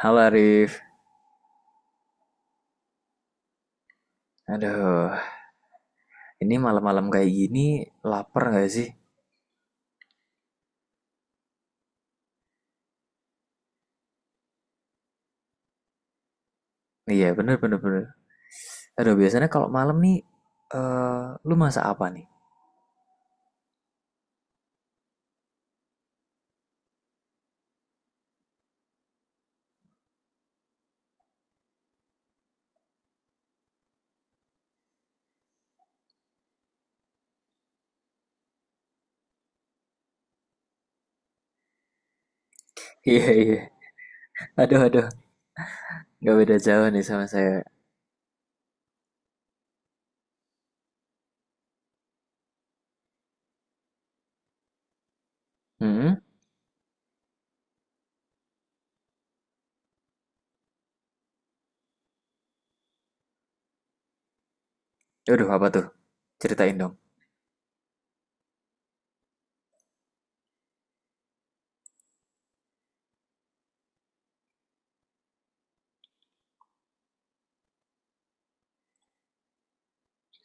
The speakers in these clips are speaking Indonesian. Halo Arif, aduh, ini malam-malam kayak gini lapar nggak sih? Iya, bener, bener, bener. Aduh biasanya kalau malam nih, eh lu masak apa nih? Iya iya, aduh aduh, nggak beda jauh nih sama saya. Hmm, aduh apa tuh? Ceritain dong.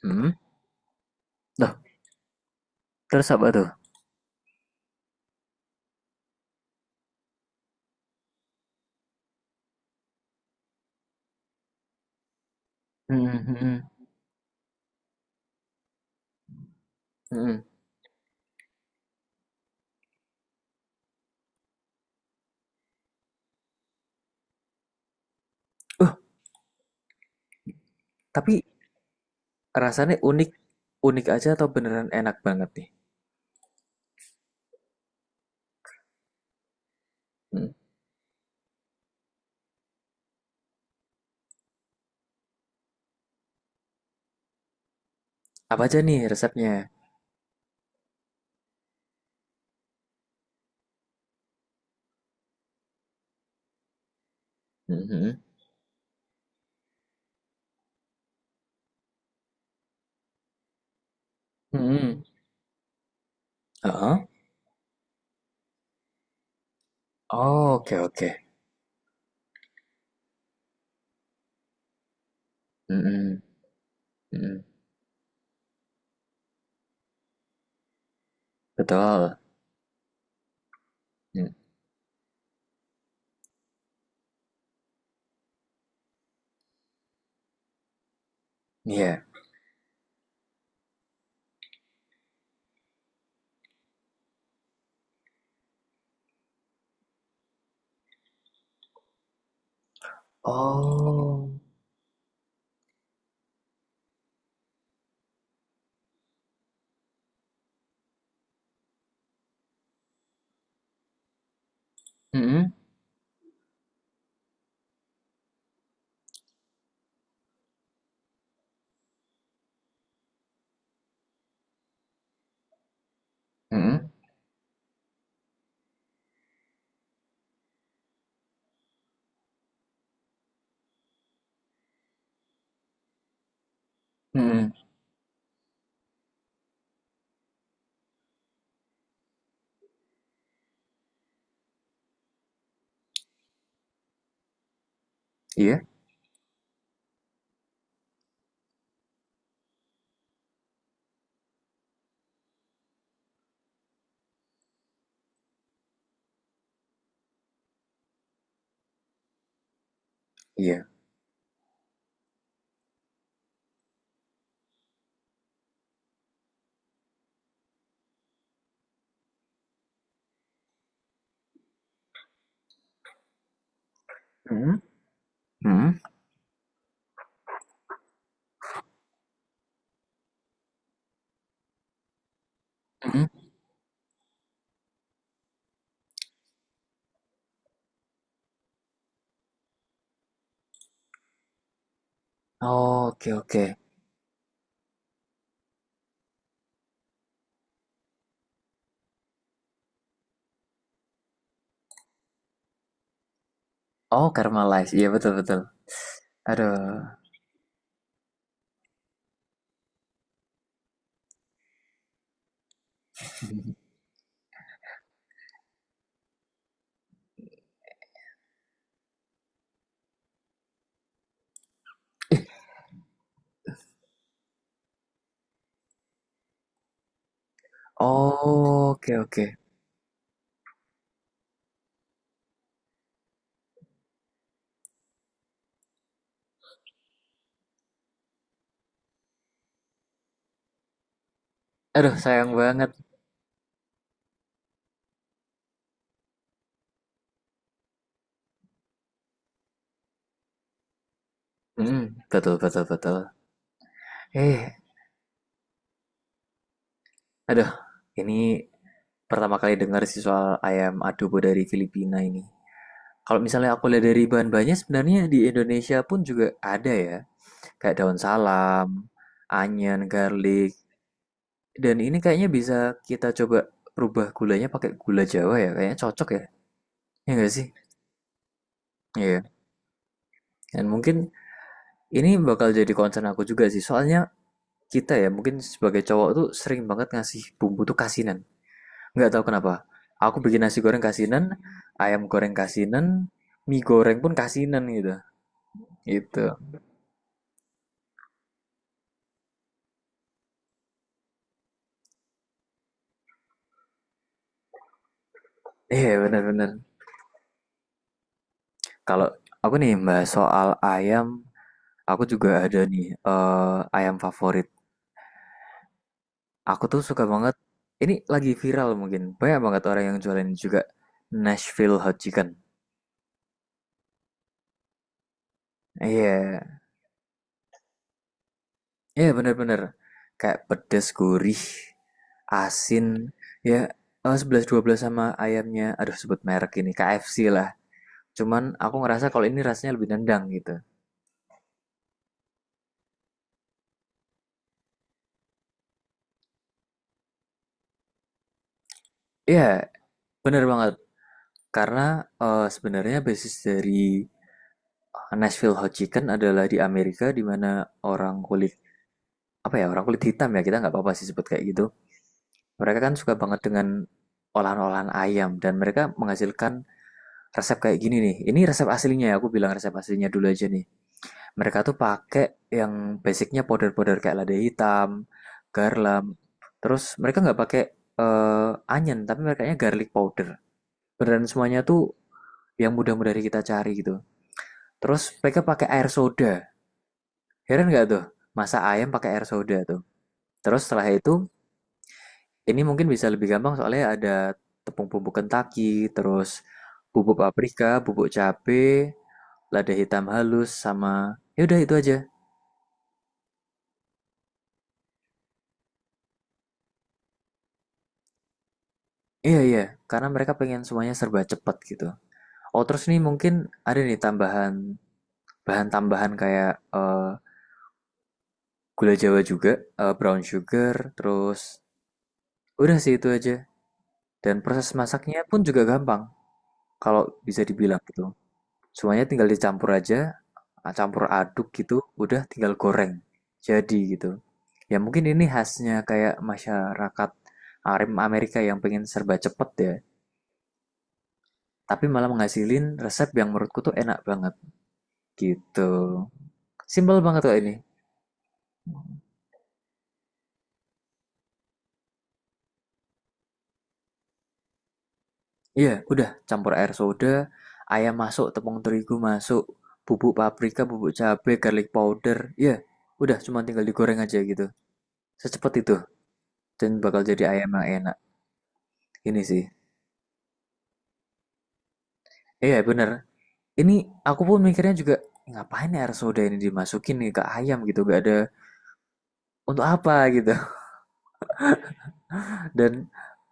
Hmm, Duh. Terus apa tuh? Hmm, hmm, hmm, hmm. Hmm. Uh, tapi rasanya unik, unik aja atau beneran enak banget nih? Hmm. Apa aja nih resepnya? Hmm, hmm, hmm. Hmm. Ah. Oh, oke oke. Hmm, hmm. Mm-mm, betul. Mm. Iya. Oh. Mm-mm, mm-mm, mm-mm. Iya, iya. Mm-mm, mm-mm, mm-mm. Oh, oke, oke. Oh, Karma Life. Iya, betul, betul. Aduh. Oh, oke, oke. Aduh, sayang banget. Mm, betul, betul, betul. Eh, aduh. Ini pertama kali dengar sih soal ayam adobo dari Filipina ini. Kalau misalnya aku lihat dari bahan-bahannya, sebenarnya di Indonesia pun juga ada ya. Kayak daun salam, onion, garlic. Dan ini kayaknya bisa kita coba rubah gulanya pakai gula Jawa ya. Kayaknya cocok ya. Ya nggak sih? Iya. Dan mungkin ini bakal jadi concern aku juga sih. Soalnya kita ya mungkin sebagai cowok tuh sering banget ngasih bumbu tuh kasinan. Nggak tahu kenapa. Aku bikin nasi goreng kasinan, ayam goreng kasinan, mie goreng pun kasinan gitu. Gitu. Iya bener-bener. Kalau aku nih mbak soal ayam, aku juga ada nih ayam favorit. Aku tuh suka banget, ini lagi viral mungkin, banyak banget orang yang jualin juga Nashville Hot Chicken. Iya, iya bener-bener, kayak pedes, gurih, asin, ya sebelas dua belas sama ayamnya, aduh sebut merek ini, KFC lah. Cuman aku ngerasa kalau ini rasanya lebih nendang gitu. Iya, bener banget, karena sebenarnya basis dari Nashville Hot Chicken adalah di Amerika di mana orang kulit apa ya orang kulit hitam ya kita nggak apa-apa sih sebut kayak gitu. Mereka kan suka banget dengan olahan-olahan ayam dan mereka menghasilkan resep kayak gini nih. Ini resep aslinya ya, aku bilang resep aslinya dulu aja nih. Mereka tuh pakai yang basicnya powder-powder kayak lada hitam, garam. Terus mereka nggak pakai onion, tapi mereka nya garlic powder. Beneran semuanya tuh yang mudah-mudah kita cari gitu. Terus mereka pakai air soda. Heran nggak tuh? Masak ayam pakai air soda tuh. Terus setelah itu ini mungkin bisa lebih gampang soalnya ada tepung bumbu Kentucky, terus bubuk paprika, bubuk cabe, lada hitam halus, sama ya udah itu aja. Iya iya, karena mereka pengen semuanya serba cepat gitu. Oh terus nih mungkin ada nih tambahan bahan tambahan kayak eh, gula Jawa juga, brown sugar, terus udah sih itu aja. Dan proses masaknya pun juga gampang kalau bisa dibilang gitu. Semuanya tinggal dicampur aja, ah, campur aduk gitu, udah tinggal goreng. Jadi gitu. Ya mungkin ini khasnya kayak masyarakat Arim Amerika yang pengen serba cepet ya, tapi malah menghasilin resep yang menurutku tuh enak banget gitu. Simpel banget kok ini. Iya, udah campur air soda, ayam masuk, tepung terigu masuk, bubuk paprika, bubuk cabai, garlic powder. Iya, udah cuma tinggal digoreng aja gitu. Secepat itu dan bakal jadi ayam yang enak. Ini sih. Iya bener, ini aku pun mikirnya juga, "Ngapain ya air soda ini dimasukin nih ke ayam gitu, gak ada untuk apa?" gitu. Dan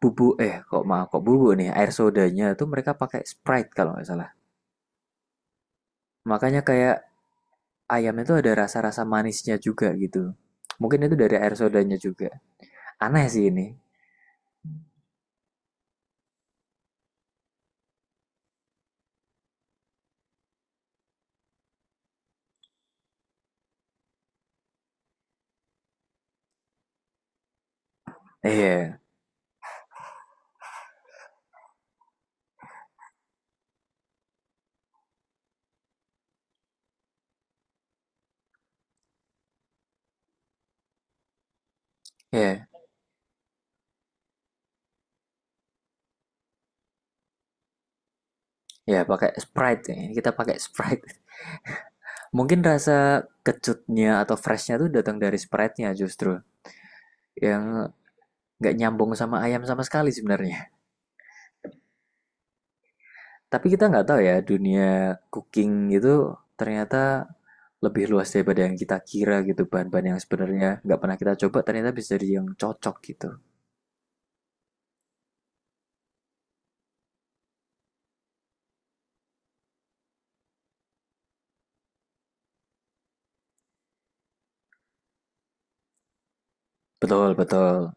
bubu eh kok maaf kok bubu nih, air sodanya tuh mereka pakai Sprite kalau nggak salah. Makanya kayak ayamnya tuh ada rasa-rasa manisnya juga gitu. Mungkin itu dari air sodanya juga. Aneh sih ini. Iya, iya, iya pakai Sprite ya. Ini kita pakai Sprite. Mungkin rasa kecutnya atau freshnya tuh datang dari Sprite-nya justru. Yang nggak nyambung sama ayam sama sekali sebenarnya. Tapi kita nggak tahu ya, dunia cooking gitu ternyata lebih luas daripada yang kita kira gitu. Bahan-bahan yang sebenarnya nggak pernah kita coba ternyata bisa jadi yang cocok gitu. Betul, betul.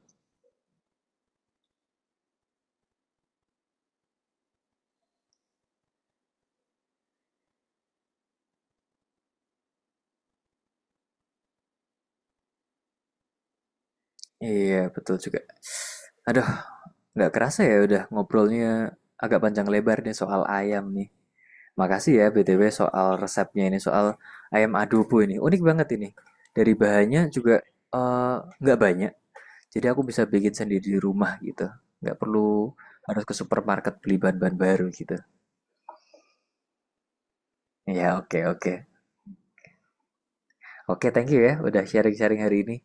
Iya, betul juga. Aduh, nggak kerasa ya udah ngobrolnya agak panjang lebar nih soal ayam nih. Makasih ya BTW soal resepnya ini, soal ayam adobo ini. Unik banget ini. Dari bahannya juga eh, nggak banyak, jadi aku bisa bikin sendiri di rumah gitu. Nggak perlu harus ke supermarket beli bahan-bahan baru gitu. Ya, oke, oke. Oke, thank you ya udah sharing-sharing hari ini.